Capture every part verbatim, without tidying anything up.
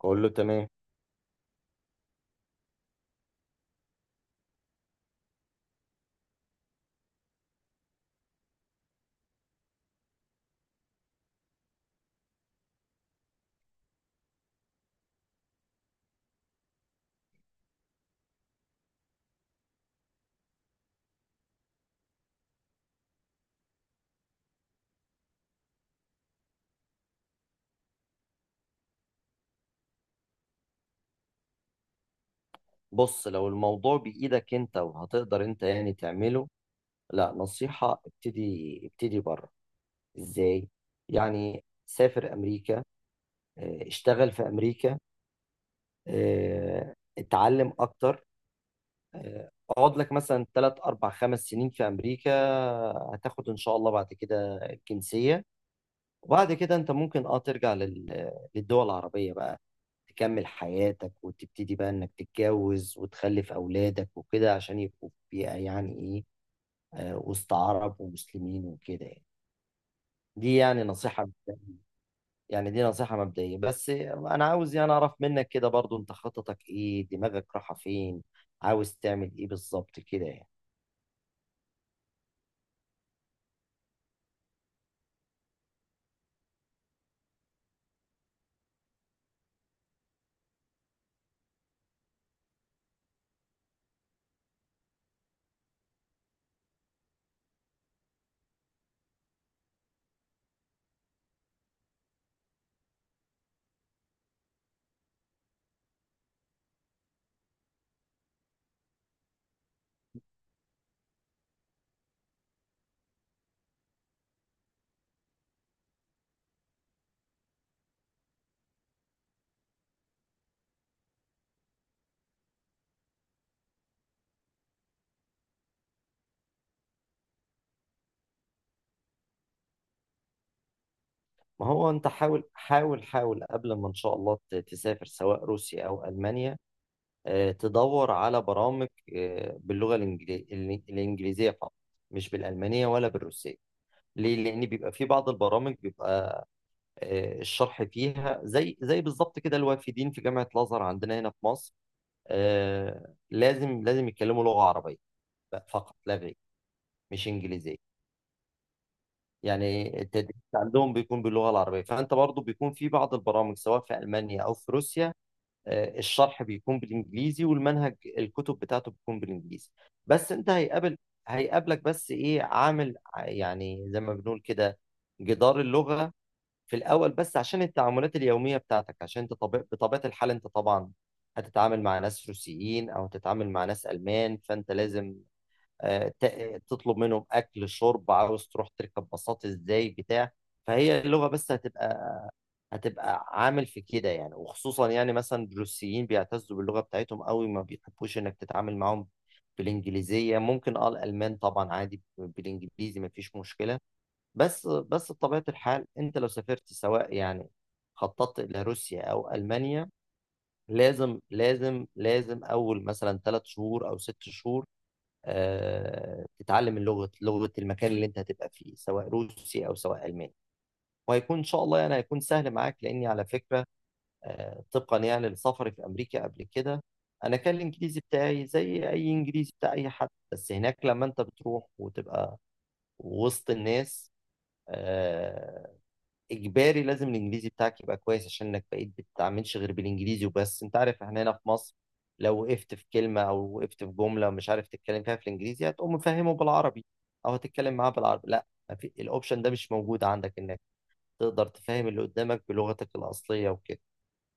اقول له تمام. بص، لو الموضوع بايدك انت وهتقدر انت يعني تعمله، لا، نصيحة ابتدي ابتدي بره. ازاي؟ يعني سافر امريكا، اه، اشتغل في امريكا، اه، اتعلم اكتر، اه، اقعد لك مثلا ثلاثة اربعة خمس سنين في امريكا. هتاخد ان شاء الله بعد كده الجنسية، وبعد كده انت ممكن اه ترجع لل... للدول العربية بقى، تكمل حياتك وتبتدي بقى انك تتجوز وتخلف اولادك وكده عشان يبقوا في- يعني ايه، آه، وسط عرب ومسلمين وكده يعني. دي يعني نصيحة مبدئية- يعني دي نصيحة مبدئية، بس انا عاوز يعني اعرف منك كده برضو، انت خططك ايه؟ دماغك رايحة فين؟ عاوز تعمل ايه بالظبط كده يعني؟ ما هو انت حاول حاول حاول قبل ما ان شاء الله ت- تسافر سواء روسيا او المانيا، آه، تدور على برامج آه، باللغة الإنجلي- الإن- الإنجليزية فقط، مش بالألمانية ولا بالروسية. ليه؟ لأن بيبقى في بعض البرامج بيبقى آه، الشرح فيها زي زي بالظبط كده الوافدين في جامعة الأزهر عندنا هنا في مصر، آه، لازم لازم يتكلموا لغة عربية بقى فقط لا غير، مش إنجليزية. يعني التدريس عندهم بيكون باللغة العربية. فأنت برضو بيكون في بعض البرامج سواء في ألمانيا أو في روسيا آه، الشرح بيكون بالانجليزي، والمنهج الكتب بتاعته بتكون بالانجليزي. بس انت هيقابل هيقابلك، بس ايه، عامل ع- يعني زي ما بنقول كده، جدار اللغة في الاول، بس عشان التعاملات اليومية بتاعتك. عشان انت طب- بطبيعة الحال انت طبعا هتتعامل مع ناس روسيين او هتتعامل مع ناس المان، فانت لازم آه، ت- تطلب منهم اكل، شرب، عاوز تروح تركب باصات ازاي، بتاع. فهي اللغة بس هتبقى هتبقى عامل في كده يعني، وخصوصا يعني مثلا الروسيين بيعتزوا باللغة بتاعتهم قوي، ما بيحبوش انك تتعامل معاهم بالانجليزية ممكن. اه الالمان طبعا عادي بالانجليزي، ما فيش مشكلة. بس بس بطبيعة الحال انت لو سافرت سواء يعني خططت الى روسيا او المانيا، لازم لازم لازم اول مثلا ثلاث شهور او ست شهور آه تتعلم اللغة، لغة المكان اللي انت هتبقى فيه سواء روسي او سواء الماني. وهيكون ان شاء الله يعني هيكون سهل معاك، لاني على فكرة آه، طبقا يعني لسفري في امريكا قبل كده، انا كان الانجليزي بتاعي زي اي انجليزي بتاع اي حد، بس هناك لما انت بتروح وتبقى وسط الناس آه، اجباري لازم الانجليزي بتاعك يبقى كويس، عشان انك بقيت بتتعاملش غير بالانجليزي وبس. انت عارف احنا هنا في مصر، لو وقفت في كلمة او وقفت في جملة مش عارف تتكلم فيها في الانجليزي، هتقوم مفهمه بالعربي او هتتكلم معاه بالعربي. لا، ما في، الاوبشن ده مش موجود عندك، انك تقدر تفهم اللي قدامك بلغتك الاصلية وكده.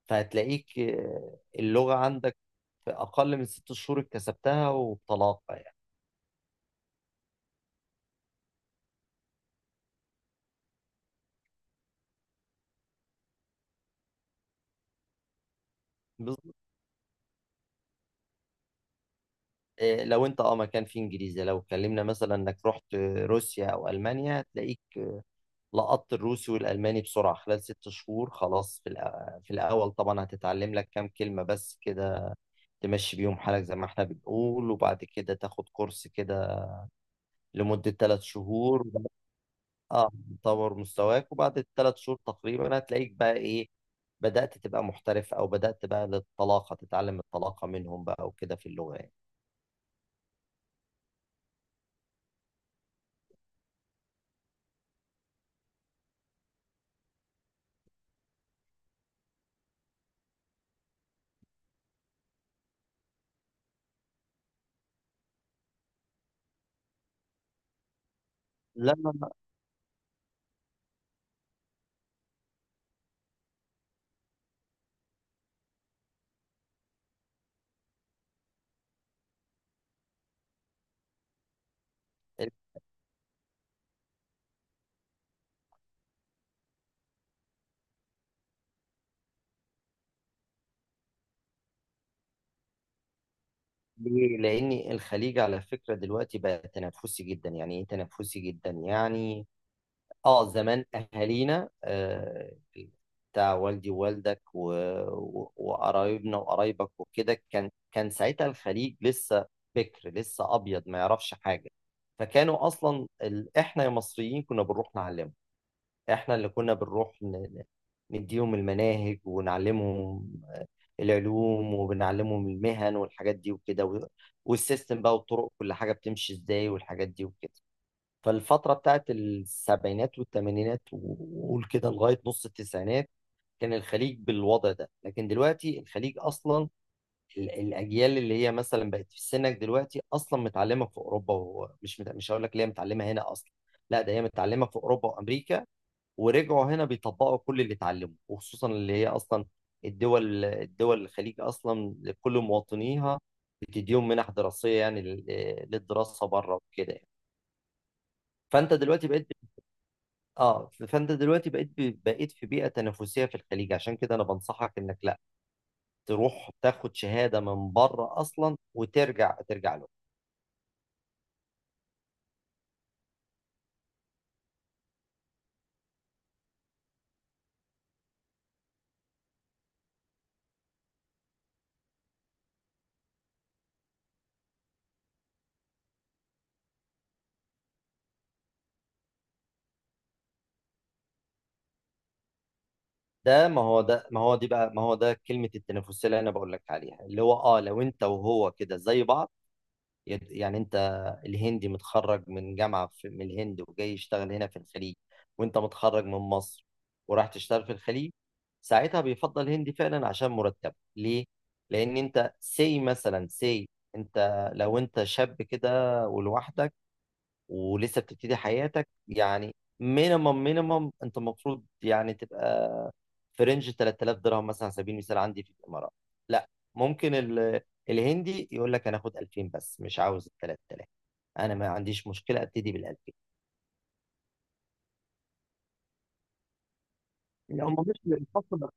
فهتلاقيك آه، اللغة عندك في أقل من ست شهور اكتسبتها وبطلاقة يعني. بالظبط. آه، لو أنت أه مكان فيه إنجليزي، لو اتكلمنا مثلا إنك رحت روسيا أو ألمانيا، هتلاقيك لقطت الروسي والألماني بسرعة خلال ست شهور. خلاص، في الأ- في الأول طبعا هتتعلم لك كام كلمة بس كده، تمشي بيهم حالك زي ما احنا بنقول، وبعد كده تاخد كورس كده لمدة ثلاث شهور. اه، تطور مستواك، وبعد الثلاث شهور تقريبا هتلاقيك بقى ايه، بدأت تبقى محترف، او بدأت بقى للطلاقة، تتعلم الطلاقة منهم بقى وكده في اللغة يعني. لا لا لا. ليه؟ لأن الخليج على فكرة دلوقتي بقى تنافسي جدا، يعني ايه تنافسي جدا يعني. اه، زمان اهالينا آه، بتاع والدي ووالدك و- و- وقرايبنا وقرايبك وكده، كان كان ساعتها الخليج لسه بكر، لسه ابيض ما يعرفش حاجه. فكانوا اصلا ال... احنا يا مصريين كنا بنروح نعلمهم، احنا اللي كنا بنروح ن... ن- نديهم المناهج ونعلمهم آه، العلوم، وبنعلمهم المهن والحاجات دي وكده، و... والسيستم بقى والطرق، كل حاجه بتمشي ازاي، والحاجات دي وكده. فالفترة بتاعت السبعينات والثمانينات، وقول كده لغاية نص التسعينات، كان الخليج بالوضع ده. لكن دلوقتي الخليج أصلا ال- الأجيال اللي هي مثلا بقت في سنك دلوقتي أصلا متعلمة في أوروبا، ومش مت... مش هقول لك ليه متعلمة هنا أصلا، لا ده هي متعلمة في أوروبا وأمريكا، ورجعوا هنا بيطبقوا كل اللي اتعلموه. وخصوصا اللي هي أصلا الدول الدول، الخليج أصلا لكل مواطنيها بتديهم منح دراسية، يعني لل- للدراسة بره وكده يعني. فانت دلوقتي بقيت اه فانت دلوقتي بقيت بقيت في بيئه تنافسيه في الخليج، عشان كده انا بنصحك انك لا تروح تاخد شهاده من بره اصلا وترجع، ترجع له. ده ما هو ده ما هو دي بقى ما هو ده كلمه التنافسيه اللي انا بقول لك عليها، اللي هو اه لو انت وهو كده زي بعض، يت- يعني انت الهندي متخرج من جامعة في من الهند وجاي يشتغل هنا في الخليج، وانت متخرج من مصر وراح تشتغل في الخليج، ساعتها بيفضل هندي فعلا عشان مرتب. ليه؟ لأن انت سي مثلا سي، انت لو انت شاب كده ولوحدك ولسه بتبتدي حياتك، يعني مينيمم مينيمم انت المفروض يعني تبقى في رينج تلات تلاف درهم مثلا على سبيل المثال عندي في الامارات. لا، ممكن ال... الهندي يقول لك انا اخد ألفين بس، مش عاوز ال تلات تلاف، انا ما عنديش مشكله ابتدي بال الفين. لو ما مش للحصل،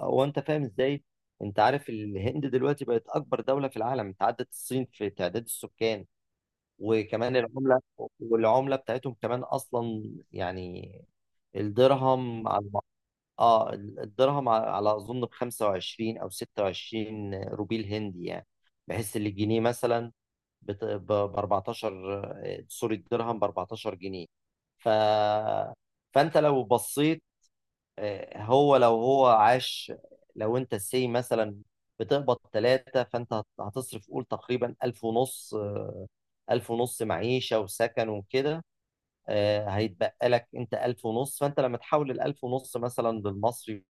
هو انت فاهم ازاي؟ انت عارف الهند دلوقتي بقت اكبر دوله في العالم، انت عدت الصين في تعداد السكان. وكمان العملة، والعملة بتاعتهم كمان أصلا يعني، الدرهم على اه الدرهم على على أظن ب خمسة وعشرين أو ستة وعشرين روبيل هندي، يعني بحيث إن الجنيه مثلا بت- ب اربعتاشر. آه، سوري، الدرهم ب اربعتاشر جنيه. ف فأنت لو بصيت آه، هو لو هو عاش لو أنت سي مثلا بتقبض ثلاثة، فأنت هت- هتصرف قول تقريبا ألف ونص، ألف ونص معيشة وسكن وكده. آه، هيتبقى لك أنت ألف ونص، فأنت لما تحول الألف ونص مثلا للمصري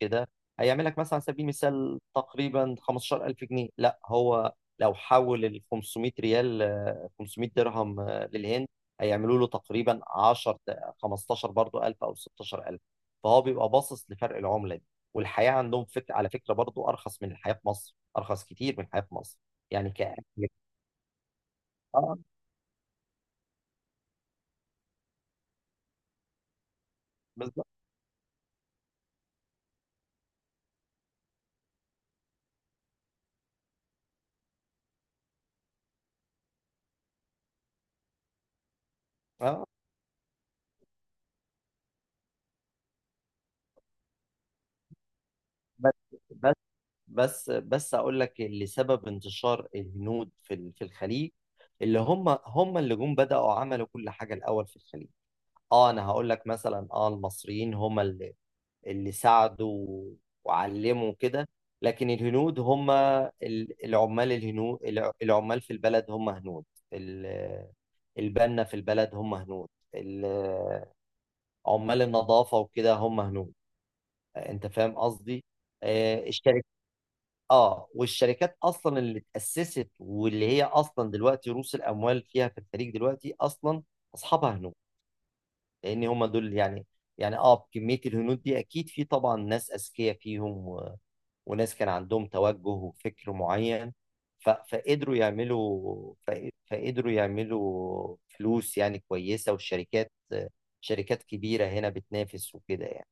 كده، هيعمل لك مثلا على سبيل المثال تقريبا خمسة عشر ألف جنيه. لا، هو لو حول ال خمسمية ريال آه، خمسمية درهم آه، للهند، هيعملوا له تقريبا عشرة خمستاشر برضه، ألف أو ستة عشر ألف. فهو بيبقى باصص لفرق العملة دي، والحياة عندهم فك... على فكرة برضو أرخص من الحياة في مصر، أرخص كتير من الحياة في مصر. يعني ك اه بالظبط. اه، بس بس بس بس اقول لك اللي سبب انتشار الهنود في ال- في الخليج، اللي هم هم اللي جم بدأوا عملوا كل حاجة الأول في الخليج. اه انا هقول لك، مثلا اه المصريين هم اللي اللي ساعدوا وعلموا كده، لكن الهنود هم ال- العمال. الهنود الع- العمال في البلد هم هنود، ال- البنا في البلد هم هنود، ال- عمال النظافة وكده هم هنود. انت فاهم قصدي؟ آه، الشركات اه والشركات اصلا اللي اتاسست، واللي هي اصلا دلوقتي رؤوس الاموال فيها في الخليج دلوقتي اصلا اصحابها هنود. لان هم دول يعني، يعني اه كميه الهنود دي اكيد في طبعا ناس اذكياء فيهم و... وناس كان عندهم توجه وفكر معين، ف... فقدروا يعملوا ف... فقدروا يعملوا فلوس يعني كويسه، والشركات شركات كبيره هنا بتنافس وكده يعني.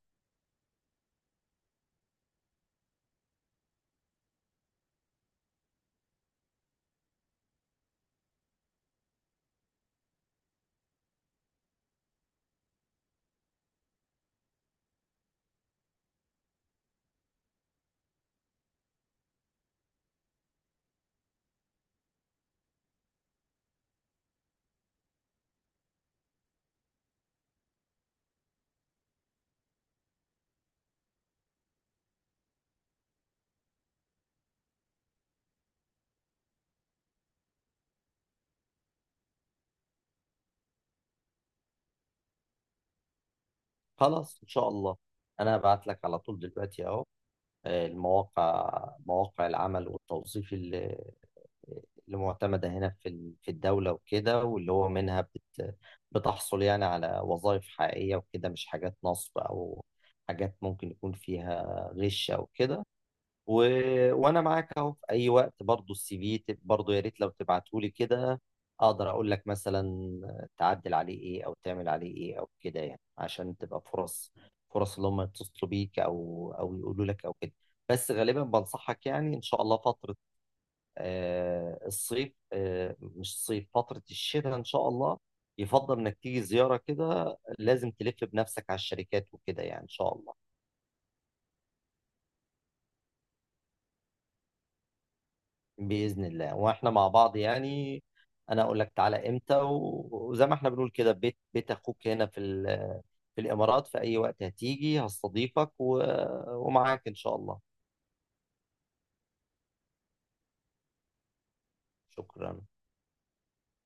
خلاص، ان شاء الله انا هبعت لك على طول دلوقتي اهو، المواقع مواقع العمل والتوظيف اللي اللي معتمدة هنا في ال- في الدولة وكده، واللي هو منها بت بتحصل يعني على وظائف حقيقية وكده، مش حاجات نصب أو حاجات ممكن يكون فيها غش أو كده. و... وانا معاك اهو في اي وقت. برضو السي في تب- برضو يا ريت لو تبعته لي كده، اقدر اقول لك مثلا تعدل عليه ايه، او تعمل عليه ايه، او كده يعني، عشان تبقى فرص، فرص اللي هم يتصلوا بيك او او يقولوا لك او كده. بس غالبا بنصحك يعني، ان شاء الله فترة آه الصيف آه مش الصيف، فترة الشتاء ان شاء الله يفضل انك تيجي زيارة كده. لازم تلف بنفسك على الشركات وكده يعني ان شاء الله. بإذن الله، واحنا مع بعض يعني. انا اقول لك تعالى امتى، و- وزي ما احنا بنقول كده، بيت بيت اخوك هنا في ال- في الامارات، في اي وقت هتيجي هستضيفك، و- ومعاك ان شاء الله. شكرا.